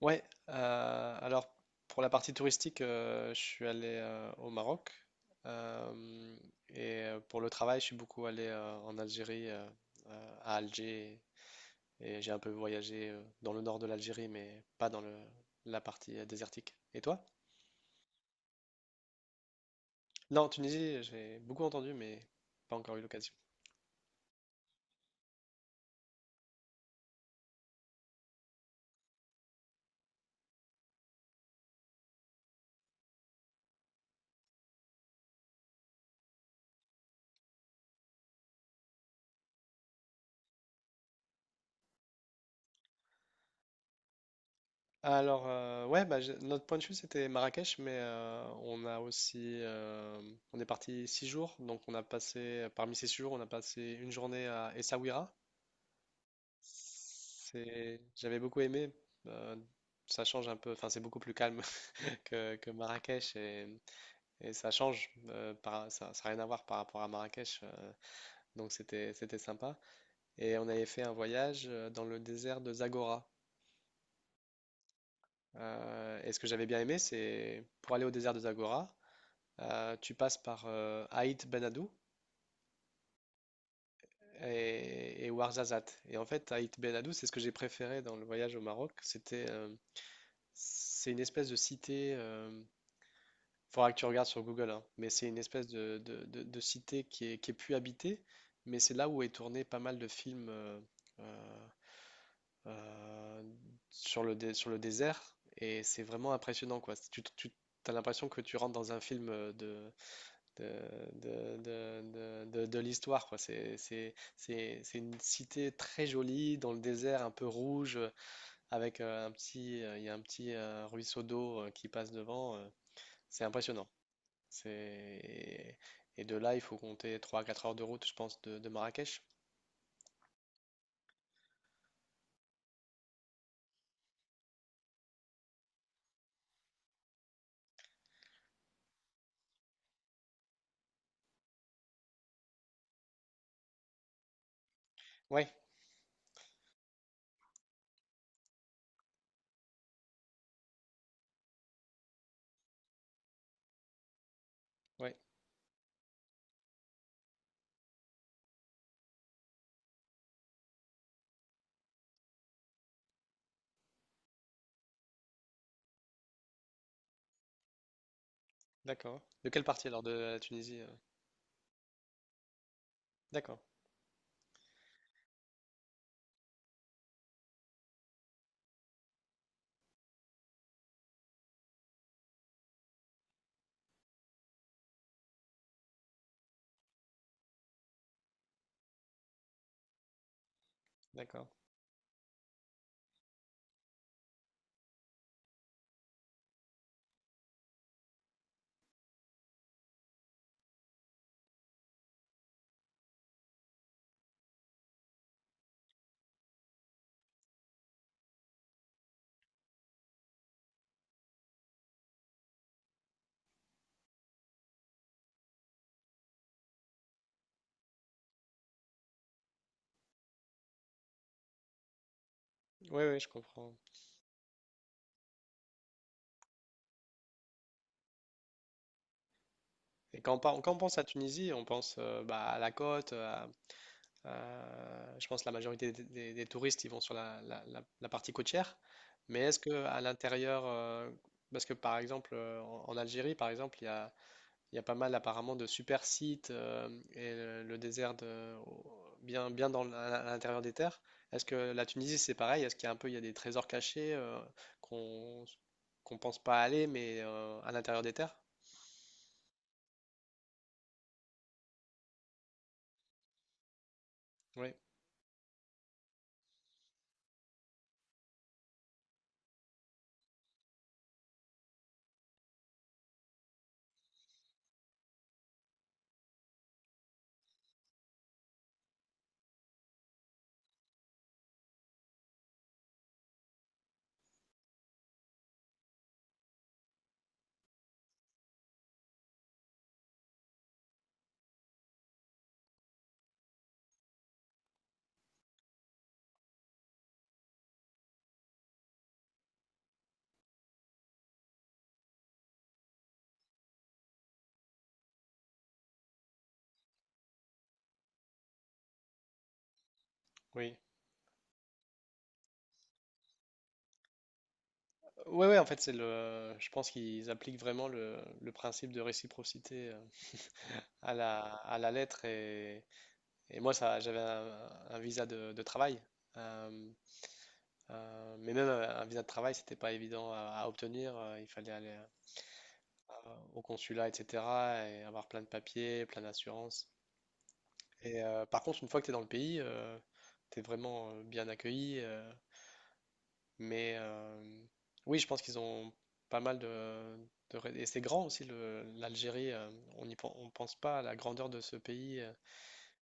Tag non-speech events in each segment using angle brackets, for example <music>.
Ouais, alors pour la partie touristique, je suis allé au Maroc euh, et pour le travail, je suis beaucoup allé en Algérie, à Alger et j'ai un peu voyagé dans le nord de l'Algérie, mais pas la partie désertique. Et toi? Non, Tunisie, j'ai beaucoup entendu, mais pas encore eu l'occasion. Alors, ouais, bah, notre point de vue, c'était Marrakech, mais on a aussi, on est parti 6 jours, donc on a passé, parmi ces 6 jours, on a passé une journée à Essaouira. C'est, j'avais beaucoup aimé. euh, Ça change un peu, enfin, c'est beaucoup plus calme <laughs> que Marrakech et ça change, ça n'a rien à voir par rapport à Marrakech, donc c'était sympa. Et on avait fait un voyage dans le désert de Zagora. Et ce que j'avais bien aimé, c'est pour aller au désert de Zagora. Tu passes par Aït Ben Haddou et Ouarzazate. Et en fait, Aït Ben Haddou, c'est ce que j'ai préféré dans le voyage au Maroc. C'est une espèce de cité. Il faudra que tu regardes sur Google, hein, mais c'est une espèce de cité qui est plus habitée. Mais c'est là où est tourné pas mal de films euh, euh, sur le désert. Et c'est vraiment impressionnant, quoi. Tu as l'impression que tu rentres dans un film de, de l'histoire, quoi. C'est une cité très jolie, dans le désert un peu rouge, avec il y a un petit ruisseau d'eau qui passe devant. C'est impressionnant. C'est... Et de là, il faut compter trois à 4 heures de route, je pense, de Marrakech. Ouais, ouais, d'accord. De quelle partie alors de la Tunisie? D'accord, d'accord. Oui, oui, je comprends. Et quand on pense à Tunisie, on pense bah, à la côte, à, Je pense que la majorité des touristes, ils vont sur la partie côtière. Mais est-ce que à l'intérieur, parce que par exemple en Algérie, par exemple, il y a pas mal apparemment de super sites et le désert bien à l'intérieur des terres. Est-ce que la Tunisie, c'est pareil? Est-ce qu'il y a un peu, il y a des trésors cachés qu'on qu'on pense pas aller, mais à l'intérieur des terres? Oui, oui. Ouais, ouais, en fait, c'est le. Je pense qu'ils appliquent vraiment le principe de réciprocité à la lettre. Et moi, ça, j'avais un visa de travail. euh, mais même un visa de travail, c'était pas évident à obtenir. Il fallait aller au consulat, etc. Et avoir plein de papiers, plein d'assurances. Et par contre, une fois que tu es dans le pays, tu es vraiment bien accueilli. Mais oui, je pense qu'ils ont pas mal Et c'est grand aussi, l'Algérie. On pense pas à la grandeur de ce pays.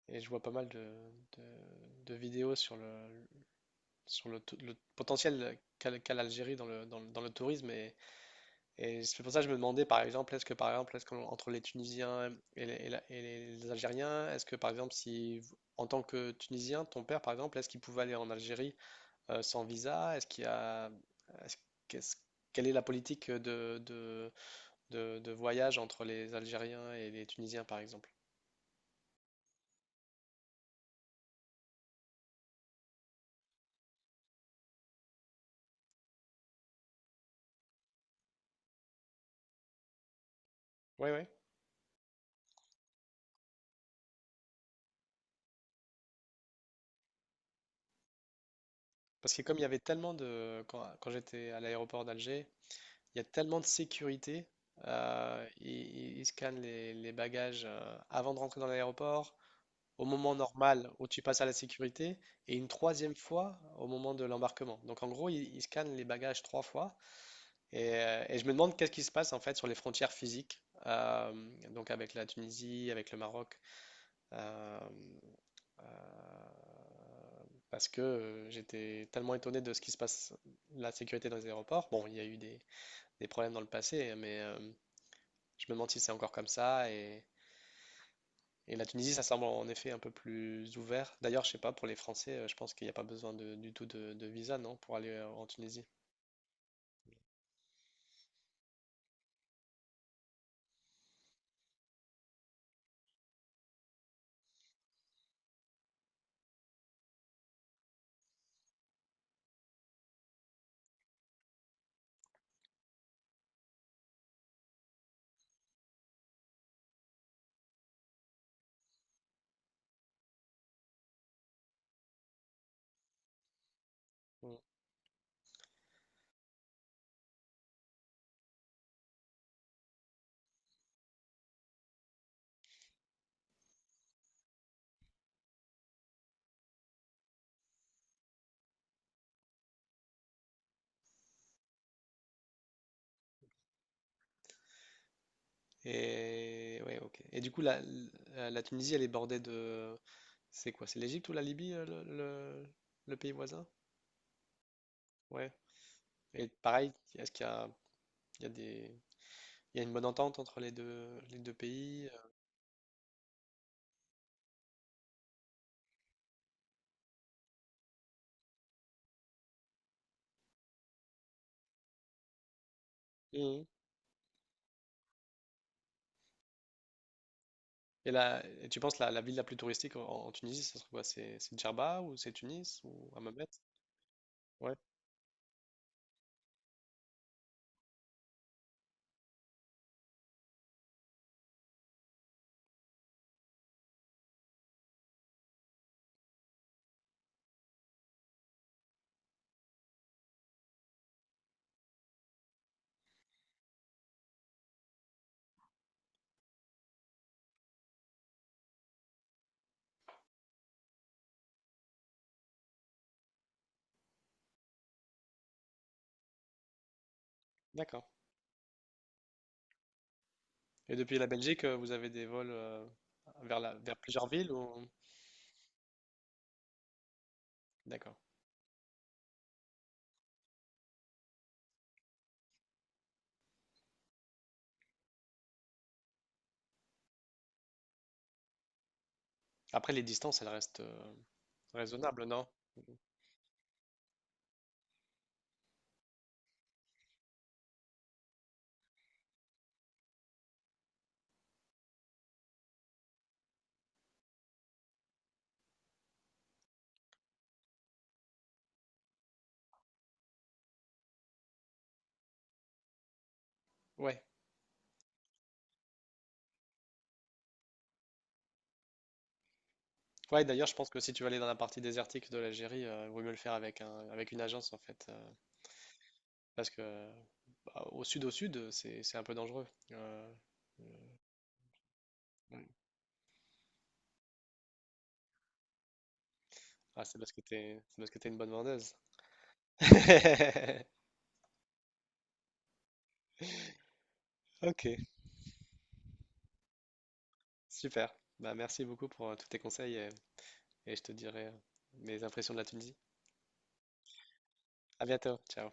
Et je vois pas mal de vidéos le potentiel qu'a l'Algérie dans le tourisme. Et c'est pour ça que je me demandais, par exemple, est-ce qu'entre les Tunisiens et les Algériens, est-ce que, par exemple, si, en tant que Tunisien, ton père, par exemple, est-ce qu'il pouvait aller en Algérie? Sans visa? Est-ce qu'il y a, est-ce qu'est-ce- Quelle est la politique de voyage entre les Algériens et les Tunisiens, par exemple? Oui, oui. Parce que comme il y avait tellement de... Quand j'étais à l'aéroport d'Alger, il y a tellement de sécurité. Ils scannent les bagages avant de rentrer dans l'aéroport, au moment normal où tu passes à la sécurité, et une troisième fois au moment de l'embarquement. Donc en gros, ils scannent les bagages 3 fois. Et je me demande qu'est-ce qui se passe en fait sur les frontières physiques, euh, donc avec la Tunisie, avec le Maroc, euh, euh, parce que j'étais tellement étonné de ce qui se passe, la sécurité dans les aéroports. Bon, il y a eu des problèmes dans le passé, mais je me demande si c'est encore comme ça. Et la Tunisie, ça semble en effet un peu plus ouvert. D'ailleurs, je sais pas, pour les Français, je pense qu'il n'y a pas besoin du tout de visa, non, pour aller en Tunisie. Mm. Et ouais, ok. Et du coup, la Tunisie, elle est bordée de... C'est quoi? C'est l'Égypte ou la Libye, le pays voisin? Ouais. Et pareil, est-ce qu'il y a, il y a des... Il y a une bonne entente entre les deux pays? Mhm. Et tu penses la ville la plus touristique en Tunisie, ça serait quoi? C'est Djerba ou c'est Tunis ou Hammamet? Ouais, d'accord. Et depuis la Belgique, vous avez des vols vers plusieurs villes ou... D'accord. Après, les distances, elles restent raisonnables, non? Ouais. Ouais, d'ailleurs, je pense que si tu veux aller dans la partie désertique de l'Algérie, il vaut mieux le faire avec une agence en fait, parce que bah, au sud, c'est un peu dangereux. Mm. Ah, c'est parce que t'es une bonne vendeuse. <laughs> Ok, super. Bah merci beaucoup pour tous tes conseils et je te dirai mes impressions de la Tunisie. À bientôt, ciao.